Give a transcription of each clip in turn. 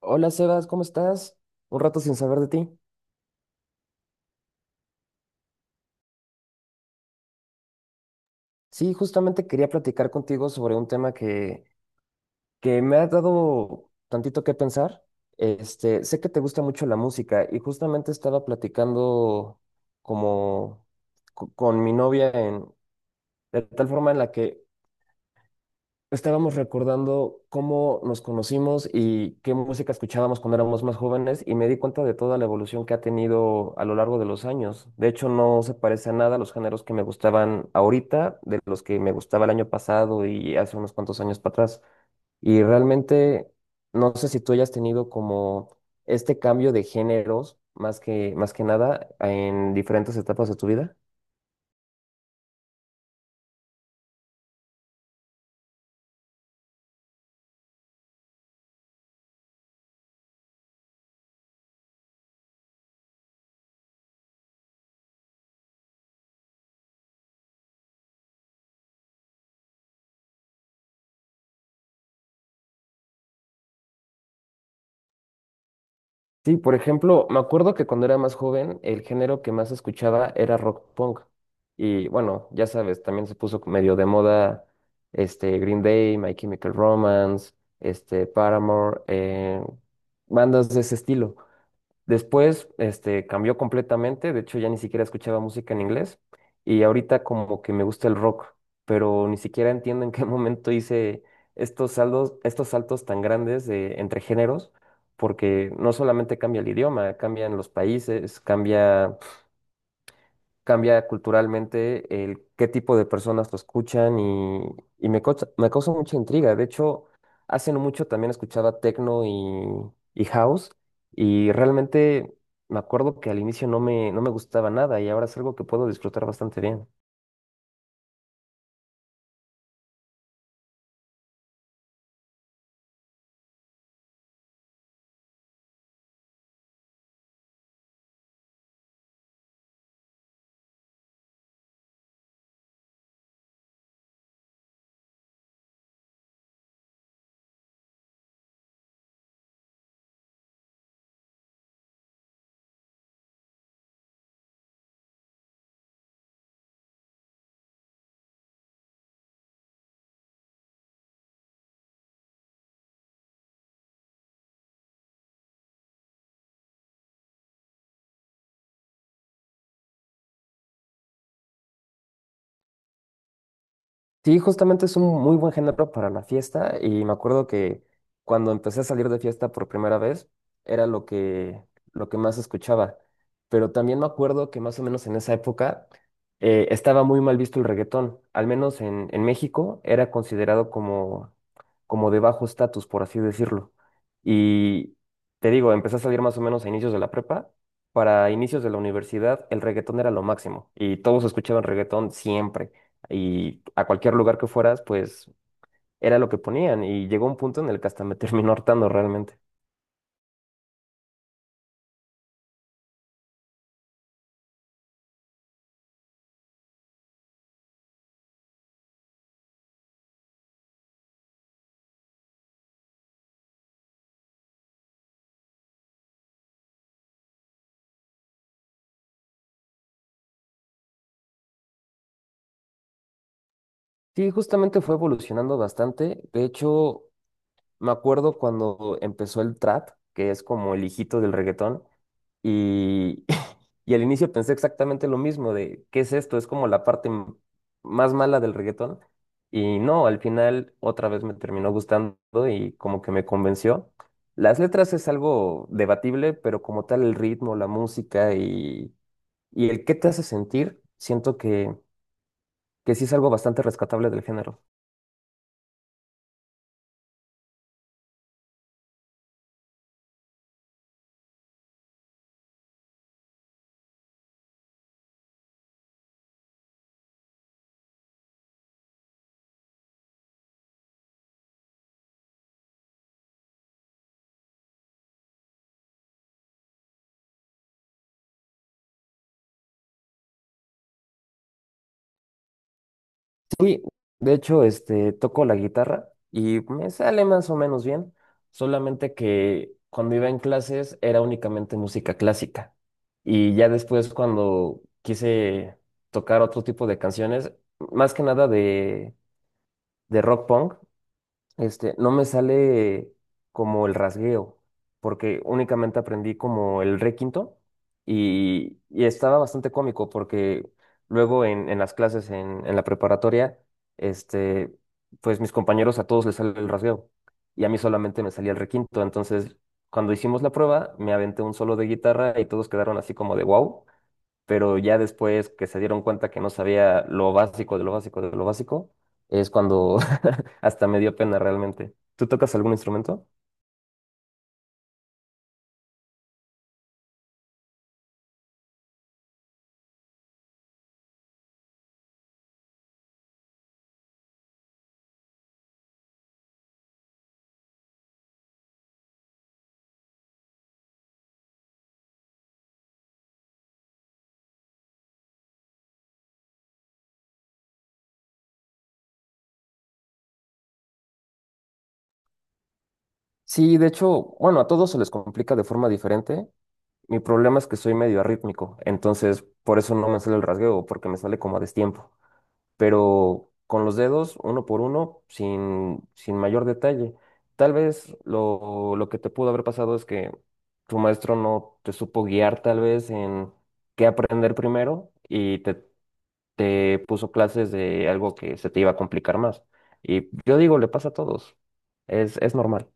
Hola Sebas, ¿cómo estás? Un rato sin saber de ti. Sí, justamente quería platicar contigo sobre un que me ha dado tantito que pensar. Sé que te gusta mucho la música y justamente estaba platicando como con mi novia, de tal forma en la que estábamos recordando cómo nos conocimos y qué música escuchábamos cuando éramos más jóvenes, y me di cuenta de toda la evolución que ha tenido a lo largo de los años. De hecho, no se parece a nada los géneros que me gustaban ahorita de los que me gustaba el año pasado y hace unos cuantos años para atrás. Y realmente no sé si tú hayas tenido como este cambio de géneros más que nada en diferentes etapas de tu vida. Sí, por ejemplo, me acuerdo que cuando era más joven, el género que más escuchaba era rock punk. Y bueno, ya sabes, también se puso medio de moda Green Day, My Chemical Romance, Paramore, bandas de ese estilo. Después, cambió completamente. De hecho, ya ni siquiera escuchaba música en inglés y ahorita como que me gusta el rock, pero ni siquiera entiendo en qué momento hice estos saltos tan grandes entre géneros, porque no solamente cambia el idioma, cambian los países, cambia culturalmente el qué tipo de personas lo escuchan, y me causa mucha intriga. De hecho, hace no mucho también escuchaba techno y house, y realmente me acuerdo que al inicio no me gustaba nada, y ahora es algo que puedo disfrutar bastante bien. Sí, justamente es un muy buen género para la fiesta, y me acuerdo que cuando empecé a salir de fiesta por primera vez era lo que más escuchaba. Pero también me acuerdo que más o menos en esa época estaba muy mal visto el reggaetón. Al menos en México era considerado como, como de bajo estatus, por así decirlo. Y te digo, empecé a salir más o menos a inicios de la prepa. Para inicios de la universidad el reggaetón era lo máximo y todos escuchaban reggaetón siempre, y a cualquier lugar que fueras, pues era lo que ponían, y llegó un punto en el que hasta me terminó hartando realmente. Sí, justamente fue evolucionando bastante. De hecho, me acuerdo cuando empezó el trap, que es como el hijito del reggaetón. Y, y al inicio pensé exactamente lo mismo, de qué es esto, es como la parte más mala del reggaetón. Y no, al final otra vez me terminó gustando y como que me convenció. Las letras es algo debatible, pero como tal el ritmo, la música y el qué te hace sentir, siento que sí es algo bastante rescatable del género. Sí, de hecho, toco la guitarra y me sale más o menos bien, solamente que cuando iba en clases era únicamente música clásica, y ya después cuando quise tocar otro tipo de canciones, más que nada de rock punk, no me sale como el rasgueo, porque únicamente aprendí como el re quinto, y estaba bastante cómico porque luego en las clases en la preparatoria, este, pues mis compañeros a todos les sale el rasgueo y a mí solamente me salía el re quinto. Entonces, cuando hicimos la prueba, me aventé un solo de guitarra y todos quedaron así como de wow, pero ya después que se dieron cuenta que no sabía lo básico de lo básico de lo básico, es cuando hasta me dio pena realmente. ¿Tú tocas algún instrumento? Sí, de hecho, bueno, a todos se les complica de forma diferente. Mi problema es que soy medio arrítmico, entonces por eso no me sale el rasgueo, porque me sale como a destiempo. Pero con los dedos, uno por uno, sin mayor detalle. Tal vez lo que te pudo haber pasado es que tu maestro no te supo guiar tal vez en qué aprender primero y te puso clases de algo que se te iba a complicar más. Y yo digo, le pasa a todos, es normal.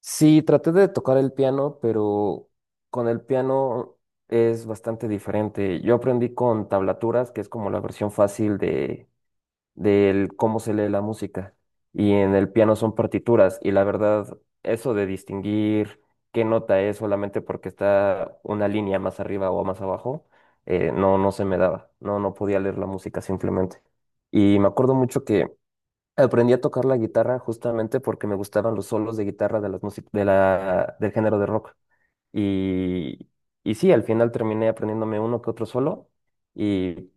Sí, traté de tocar el piano, pero con el piano es bastante diferente. Yo aprendí con tablaturas, que es como la versión fácil de del cómo se lee la música. Y en el piano son partituras. Y la verdad, eso de distinguir qué nota es solamente porque está una línea más arriba o más abajo, no se me daba. No, no podía leer la música simplemente. Y me acuerdo mucho que aprendí a tocar la guitarra justamente porque me gustaban los solos de guitarra de las del género de rock. Y y sí, al final terminé aprendiéndome uno que otro solo, y,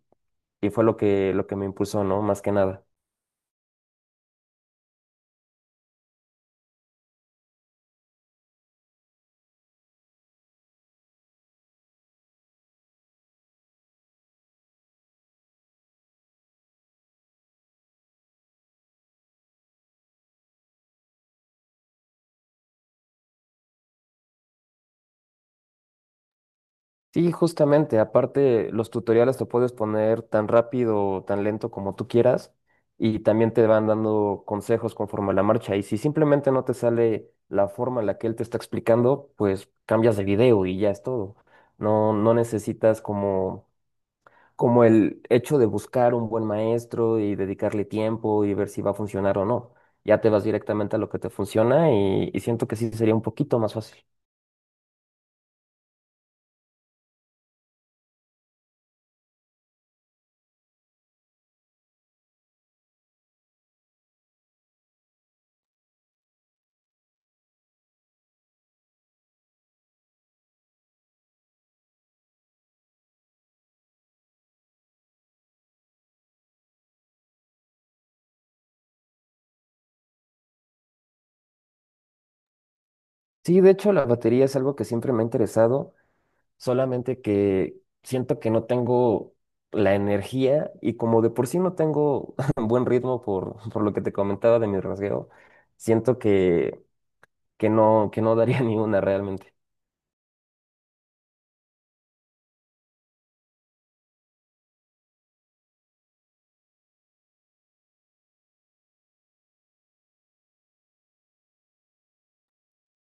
y fue lo que me impulsó, ¿no? Más que nada. Sí, justamente. Aparte, los tutoriales te puedes poner tan rápido o tan lento como tú quieras, y también te van dando consejos conforme a la marcha. Y si simplemente no te sale la forma en la que él te está explicando, pues cambias de video y ya es todo. No, no necesitas como, como el hecho de buscar un buen maestro y dedicarle tiempo y ver si va a funcionar o no. Ya te vas directamente a lo que te funciona, y siento que sí sería un poquito más fácil. Sí, de hecho, la batería es algo que siempre me ha interesado, solamente que siento que no tengo la energía, y como de por sí no tengo buen ritmo por lo que te comentaba de mi rasgueo, siento que no daría ni una realmente.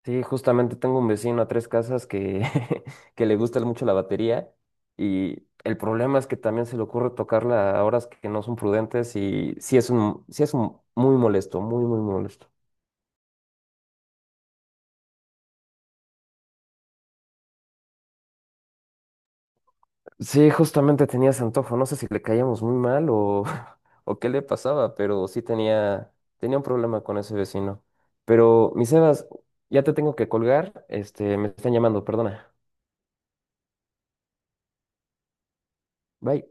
Sí, justamente tengo un vecino a tres casas que, que le gusta mucho la batería, y el problema es que también se le ocurre tocarla a horas que no son prudentes, y sí es sí es un muy molesto, muy molesto. Sí, justamente tenía ese antojo, no sé si le caíamos muy mal o qué le pasaba, pero sí tenía un problema con ese vecino. Pero, mi Sebas, ya te tengo que colgar, me están llamando, perdona. Bye.